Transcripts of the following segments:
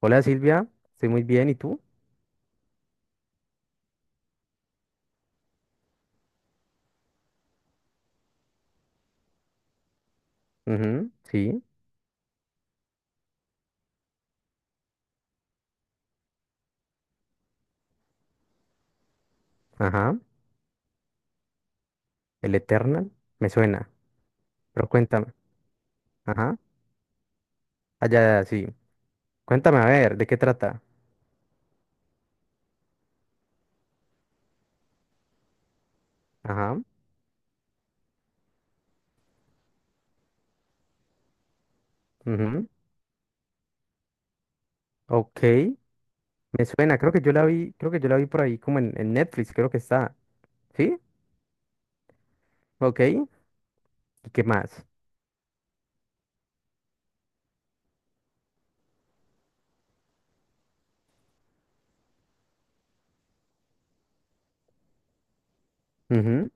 Hola Silvia, estoy muy bien, ¿y tú? Ujú, sí, ajá, el Eternal, me suena, pero cuéntame, ajá, allá, sí, cuéntame, a ver, ¿de qué trata? Ajá, ujú, ok, me suena, creo que yo la vi, creo que yo la vi por ahí como en Netflix, creo que está, ¿sí? Ok, ¿y qué más? Ujú,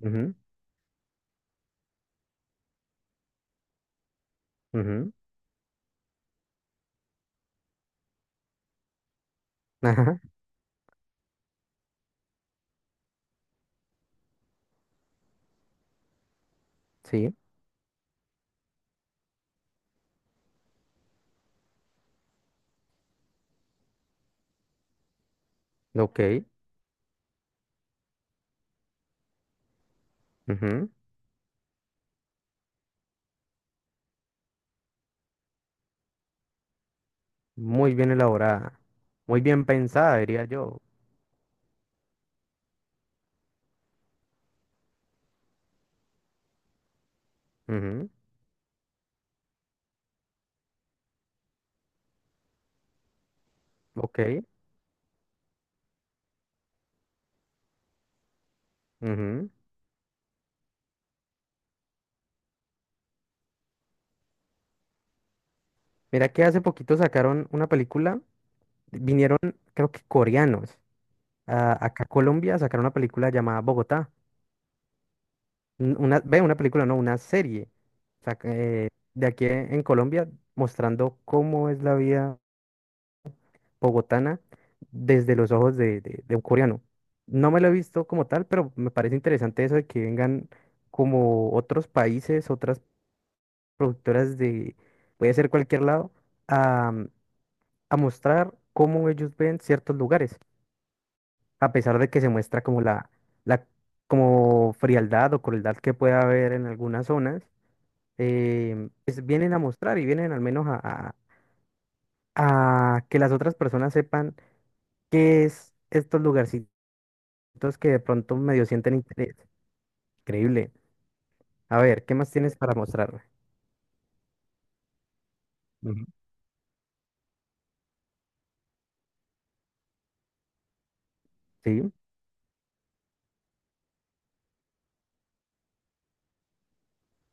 ujú, ujú, ajá, sí, ok, ujú, muy bien elaborada, muy bien pensada, diría yo, ujú, ok, ujú. Mira que hace poquito sacaron una película, vinieron creo que coreanos acá a Colombia, sacaron una película llamada Bogotá. Una, ve, una película, no, una serie. sac- eh, de aquí en Colombia, mostrando cómo es la vida bogotana desde los ojos de un coreano. No me lo he visto como tal, pero me parece interesante eso de que vengan como otros países, otras productoras, puede ser cualquier lado, a, a mostrar cómo ellos ven ciertos lugares. A pesar de que se muestra como la como frialdad o crueldad que puede haber en algunas zonas, pues vienen a mostrar y vienen al menos a- a que las otras personas sepan qué es estos lugarcitos que de pronto medio sienten interés. Increíble. A ver, ¿qué más tienes para mostrarme? Ujú. Sí,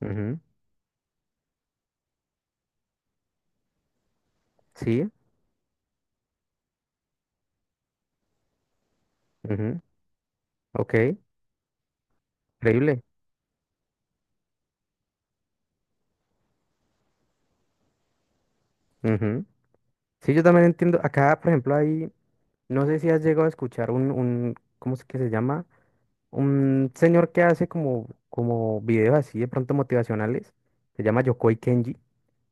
ujú, sí, ujú, ok, increíble. Ujú. Sí, yo también entiendo. Acá, por ejemplo, hay, no sé si has llegado a escuchar ¿cómo es que se llama? Un señor que hace como, como videos así de pronto motivacionales, se llama Yokoi Kenji,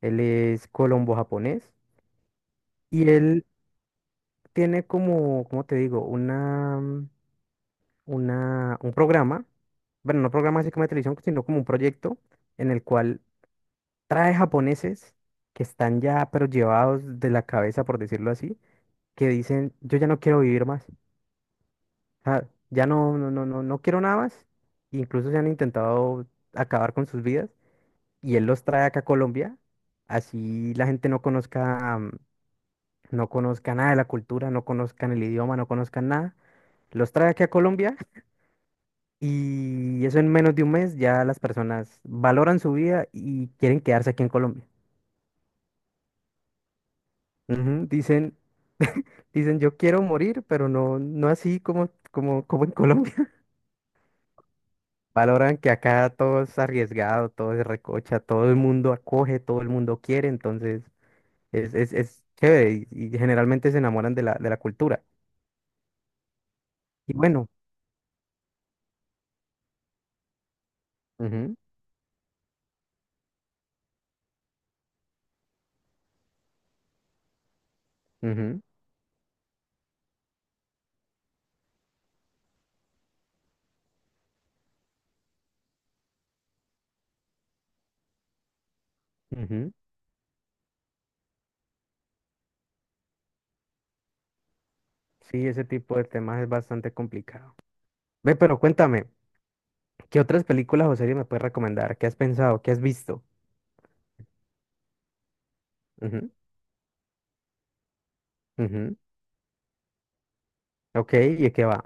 él es colombo-japonés y él tiene como, ¿cómo te digo? Una, un programa, bueno, no programa así como de televisión, sino como un proyecto en el cual trae japoneses que están ya, pero llevados de la cabeza, por decirlo así, que dicen, yo ya no quiero vivir más, ah, ya no, no, no, no, no quiero nada más, e incluso se han intentado acabar con sus vidas y él los trae acá a Colombia, así la gente no conozca, no conozca nada de la cultura, no conozcan el idioma, no conozcan nada. Los trae aquí a Colombia y eso en menos de un mes ya las personas valoran su vida y quieren quedarse aquí en Colombia. Ujú. Dicen, dicen yo quiero morir, pero no, no así como en Colombia. Valoran que acá todo es arriesgado, todo es recocha, todo el mundo acoge, todo el mundo quiere, entonces es chévere y generalmente se enamoran de la cultura. Y bueno, ujú, ujú, ujú. Sí, ese tipo de temas es bastante complicado. Ve, pero cuéntame, ¿qué otras películas o series me puedes recomendar? ¿Qué has pensado? ¿Qué has visto? Ujú, ujú. Ok, ¿y de qué va?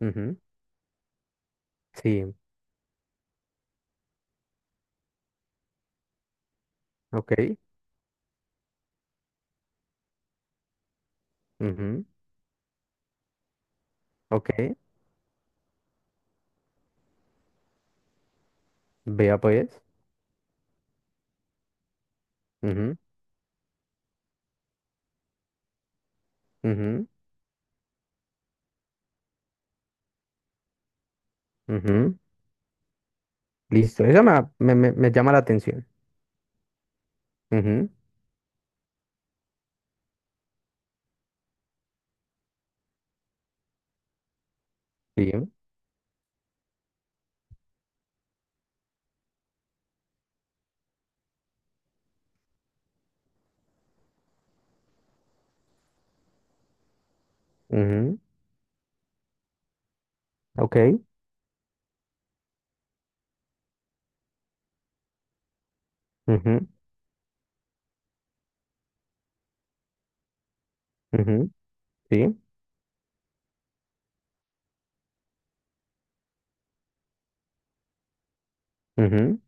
Ujú, sí, ok, ujú, ok. Vea pues. Ujú, ujú, ujú. Listo, eso me, me llama la atención. Ujú, sí, ujú, ok, ujú, ujú, sí, ujú.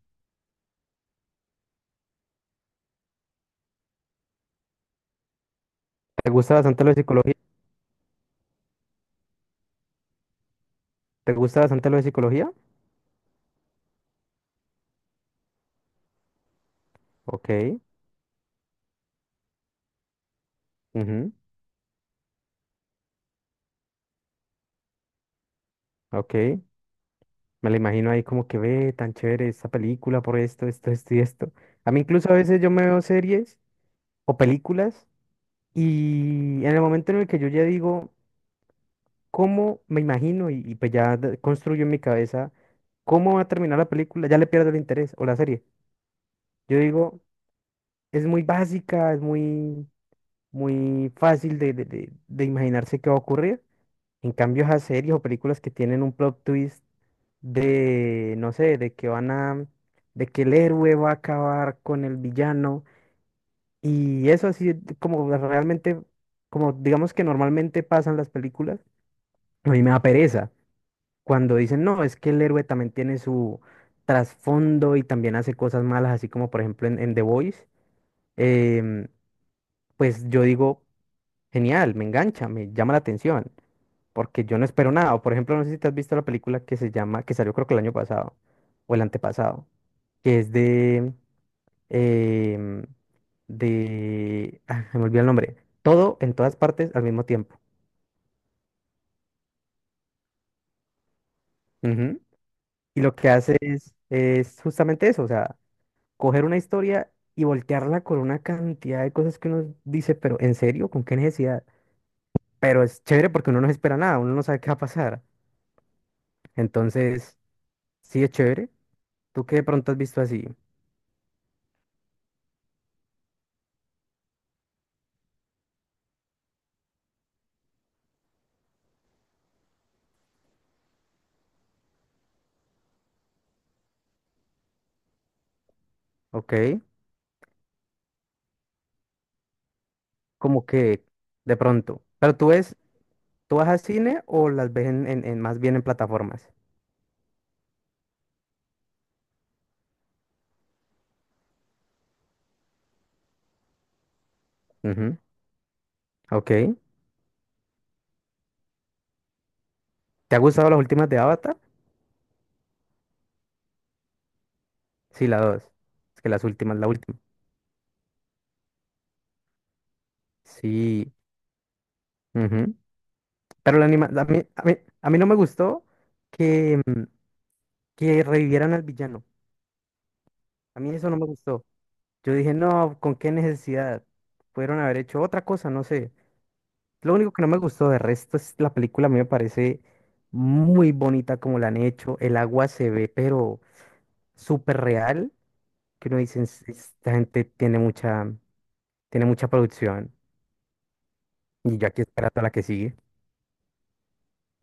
¿Te gusta bastante lo de psicología? ¿Te gusta bastante lo de psicología? Ok. Ujú, ok, me la imagino ahí como que ve tan chévere esta película por esto, esto, esto y esto. A mí incluso a veces yo me veo series o películas y en el momento en el que yo ya digo cómo me imagino y, pues ya construyo en mi cabeza cómo va a terminar la película, ya le pierdo el interés o la serie. Yo digo, es muy básica, es muy, muy fácil de imaginarse qué va a ocurrir. En cambio, esas series o películas que tienen un plot twist de, no sé, de que el héroe va a acabar con el villano. Y eso así, como realmente, como digamos que normalmente pasan las películas, a mí me da pereza cuando dicen, no, es que el héroe también tiene su trasfondo y también hace cosas malas, así como por ejemplo en The Voice, em, pues yo digo, genial, me engancha, me llama la atención. Porque yo no espero nada. O, por ejemplo, no sé si te has visto la película que se llama, que salió creo que el año pasado o el antepasado. Que es de, em, de, me olvidé el nombre, todo en todas partes al mismo tiempo. Ujú. Y lo que hace es justamente eso, o sea, coger una historia y voltearla con una cantidad de cosas que uno dice, pero ¿en serio? ¿Con qué necesidad? Pero es chévere porque uno no se espera nada, uno no sabe qué va a pasar. Entonces, sí es chévere. Tú qué de pronto has visto así, ¿ok? Como que de pronto. Pero tú ves, ¿tú vas al cine o las ves más bien en plataformas? Ujú, ok. ¿Te ha gustado las últimas de Avatar? Sí, la dos. Es que las últimas, la última. Sí. Ujú. Pero la anima a a mí no me gustó que que revivieran al villano. A mí eso no me gustó. Yo dije, no, ¿con qué necesidad? Pudieron haber hecho otra cosa, no sé. Lo único que no me gustó de resto es la película, a mí me parece muy bonita como la han hecho. El agua se ve, pero súper real. Que uno dice, "Es- esta gente tiene mucha producción. Y ya aquí esperando a la que sigue.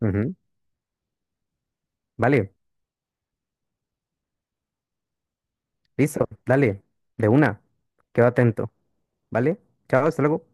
Ujú. Vale, listo, dale, de una. Quedo atento, ¿vale? Chao, hasta luego.